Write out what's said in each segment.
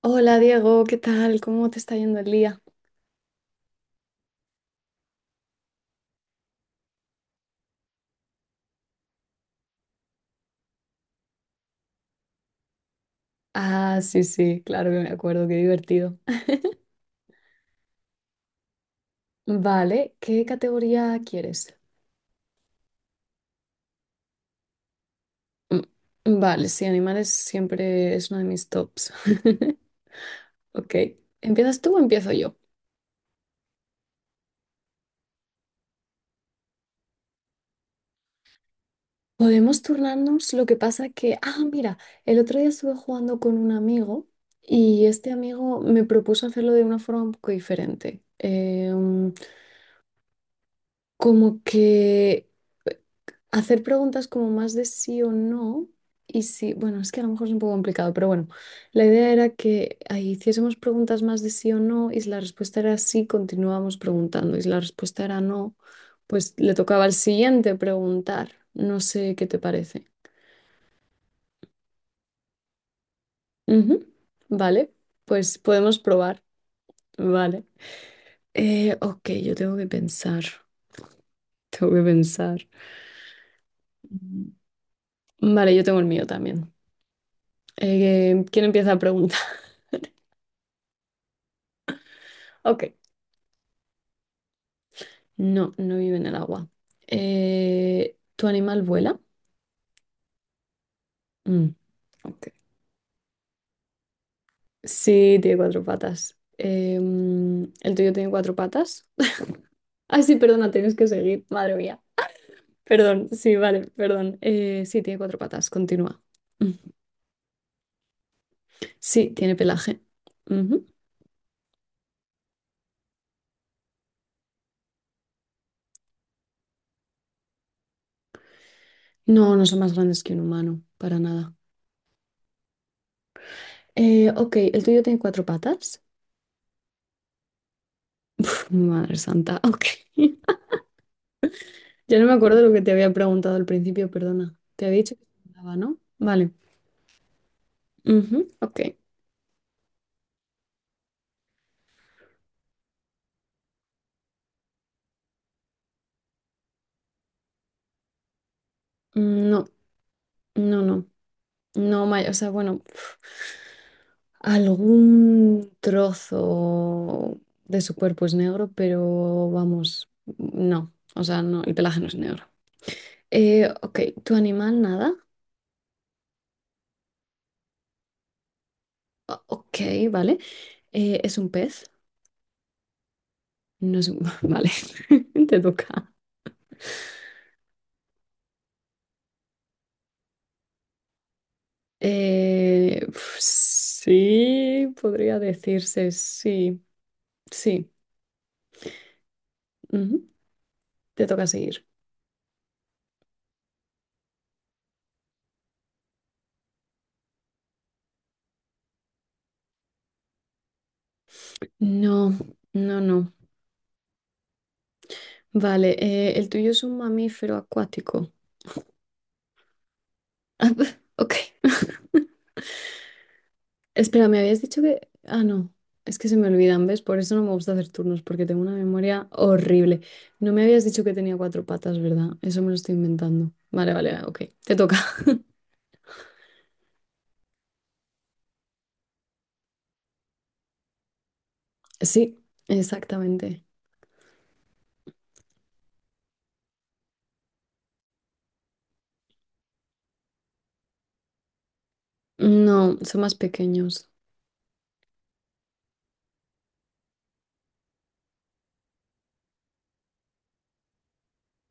Hola Diego, ¿qué tal? ¿Cómo te está yendo el día? Ah, sí, sí, claro que me acuerdo, qué divertido. Vale, ¿qué categoría quieres? Mm, Vale, sí, animales siempre es uno de mis tops. Ok, ¿empiezas tú o empiezo yo? Podemos turnarnos, lo que pasa que, mira, el otro día estuve jugando con un amigo y este amigo me propuso hacerlo de una forma un poco diferente. Como que hacer preguntas como más de sí o no. Y sí, bueno, es que a lo mejor es un poco complicado, pero bueno, la idea era que ahí hiciésemos preguntas más de sí o no, y si la respuesta era sí, continuábamos preguntando, y si la respuesta era no, pues le tocaba al siguiente preguntar. No sé qué te parece. Ujú, vale, pues podemos probar. Vale. Ok, yo tengo que pensar. Tengo que pensar. Mm, vale, yo tengo el mío también. ¿Quién empieza a preguntar? Ok. No, no vive en el agua. ¿Tu animal vuela? Mm, ok. Sí, tiene cuatro patas. ¿El tuyo tiene cuatro patas? Ay, sí, perdona, tienes que seguir. Madre mía. Perdón, sí, vale, perdón. Sí, tiene cuatro patas. Continúa. Mm. Sí, tiene pelaje. Ujú. No, no son más grandes que un humano, para nada. Ok, ¿el tuyo tiene cuatro patas? Uf, madre santa, ok. Ya no me acuerdo lo que te había preguntado al principio, perdona. Te había dicho que andaba, ¿no? Vale. Ujú, ok. Mm, no, no, no. No, ma- o sea, bueno, pf, algún trozo de su cuerpo es negro, pero vamos, no. O sea, no, el pelaje no es negro. Ok, ¿tu animal nada? O- ok, vale. ¿Es un pez? No es un... Vale, te toca. Pf, sí, podría decirse, sí, sí. Ujú, te toca seguir. No, no, no. Vale, el tuyo es un mamífero acuático. Ok. Espera, me habías dicho que... Ah, no. Es que se me olvidan, ¿ves? Por eso no me gusta hacer turnos, porque tengo una memoria horrible. No me habías dicho que tenía cuatro patas, ¿verdad? Eso me lo estoy inventando. Vale, vale, vale, ok. Te toca. Sí, exactamente. No, son más pequeños.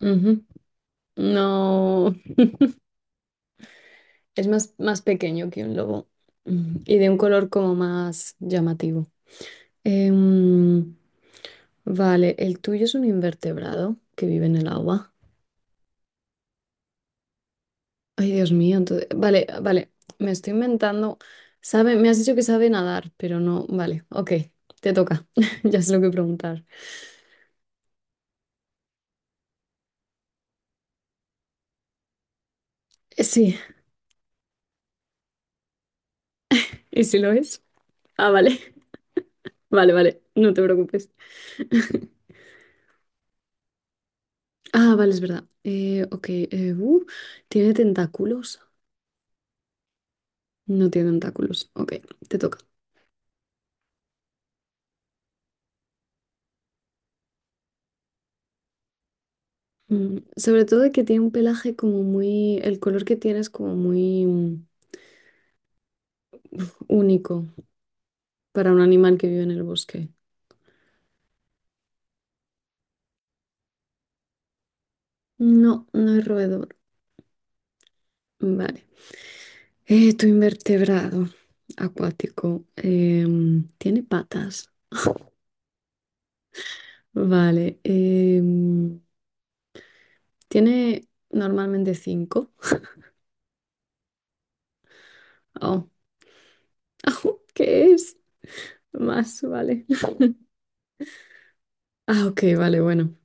Ujú. No, es más, más pequeño que un lobo. Mm, y de un color como más llamativo. Em, Vale, el tuyo es un invertebrado que vive en el agua. Ay, Dios mío, entonces... Vale, vale, me estoy inventando. Sabe, me has dicho que sabe nadar, pero no... Vale, ok, te toca. Ya sé lo que preguntar. Sí, ¿y si lo es? Ah, vale, vale, vale, no te preocupes. Ah, vale, es verdad. Ok, ¿tiene tentáculos? No tiene tentáculos. Ok, te toca. Mm, sobre todo que tiene un pelaje como muy... El color que tiene es como muy único. Para un animal que vive en el bosque. No, no es roedor. Vale. Tu invertebrado acuático tiene patas. Vale. Tiene normalmente cinco. Oh. Au, ¿qué es? Más, vale. Ah, ok, vale, bueno.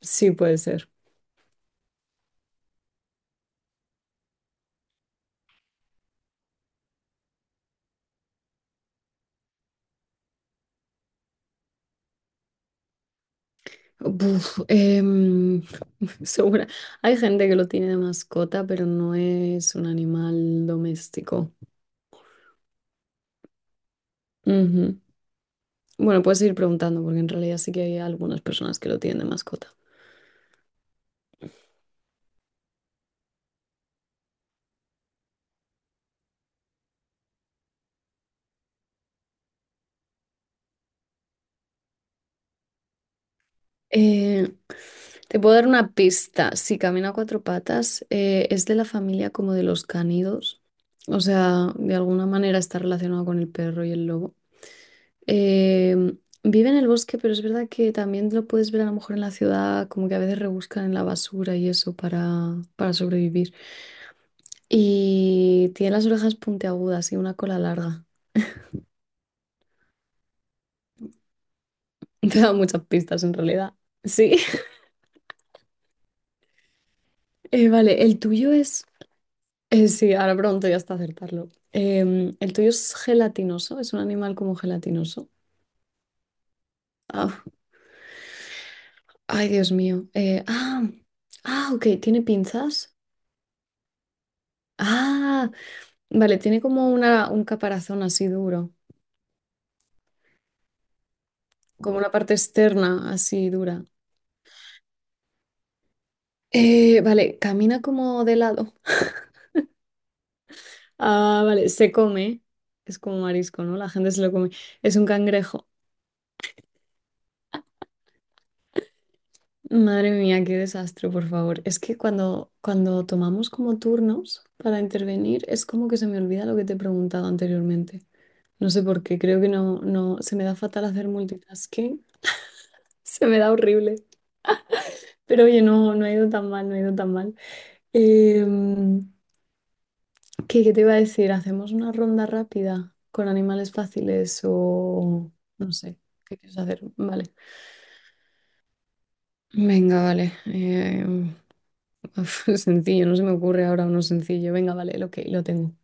Sí, puede ser. Buf, segura. Hay gente que lo tiene de mascota, pero no es un animal doméstico. Ujú. Bueno, puedes seguir preguntando porque en realidad sí que hay algunas personas que lo tienen de mascota. Eh, Te puedo dar una pista. Si camina a cuatro patas, es de la familia como de los canidos. O sea, de alguna manera está relacionado con el perro y el lobo. Eh, Vive en el bosque, pero es verdad que también lo puedes ver a lo mejor en la ciudad, como que a veces rebuscan en la basura y eso para sobrevivir. Y tiene las orejas puntiagudas y una cola larga. Te da muchas pistas en realidad. Sí. Vale, el tuyo es... sí, ahora pronto ya está acertarlo. El tuyo es gelatinoso, es un animal como gelatinoso. Ah, ay, Dios mío. Ok, ¿tiene pinzas? Ah, vale, tiene como una, un caparazón así duro, como una parte externa así dura. Vale, camina como de lado. Ah, vale, se come. Es como marisco, ¿no? La gente se lo come. Es un cangrejo. Madre mía, qué desastre, por favor. Es que cuando, cuando tomamos como turnos para intervenir, es como que se me olvida lo que te he preguntado anteriormente. No sé por qué, creo que no, no, se me da fatal hacer multitasking. Se me da horrible. Pero oye, no, no ha ido tan mal, no ha ido tan mal. Em, ¿Qué, qué te iba a decir? ¿Hacemos una ronda rápida con animales fáciles o no sé? ¿Qué quieres hacer? Vale. Venga, vale. Uf, sencillo, no se me ocurre ahora uno sencillo. Venga, vale, ok, lo tengo.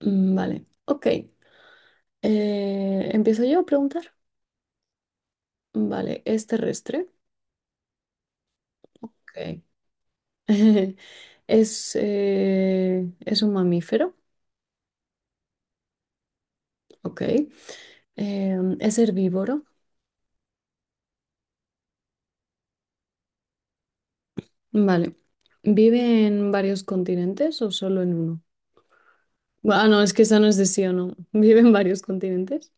Mm, vale, ok. ¿Empiezo yo a preguntar? Vale, ¿es terrestre? Ok. Es un mamífero? Ok. ¿Es herbívoro? Vale. ¿Vive en varios continentes o solo en uno? Bu- ah, no, es que esa no es de sí o no. Vive en varios continentes.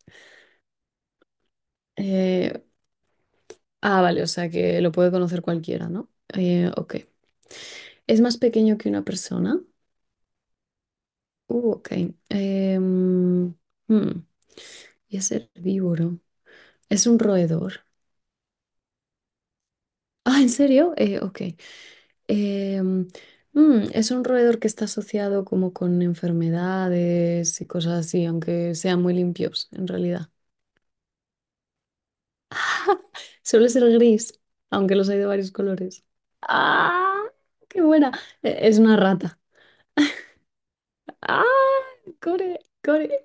Eh, vale, o sea que lo puede conocer cualquiera, ¿no? Ok. ¿Es más pequeño que una persona? Ok. Em, hmm, Y es herbívoro. Es un roedor. Ah, ¿en serio? Ok. Em, es un roedor que está asociado como con enfermedades y cosas así, aunque sean muy limpios en realidad. Suele ser gris, aunque los hay de varios colores. ¡Ah! ¡Qué buena! Es una rata. Ah, core, core.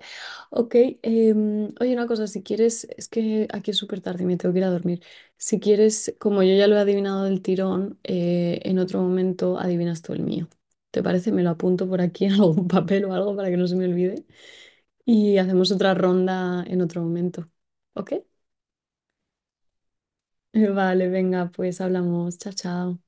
Ok, oye, una cosa, si quieres, es que aquí es súper tarde y me tengo que ir a dormir. Si quieres, como yo ya lo he adivinado del tirón, en otro momento adivinas tú el mío. ¿Te parece? Me lo apunto por aquí en algún papel o algo para que no se me olvide. Y hacemos otra ronda en otro momento. ¿Ok? Vale, venga, pues hablamos. Chao, chao.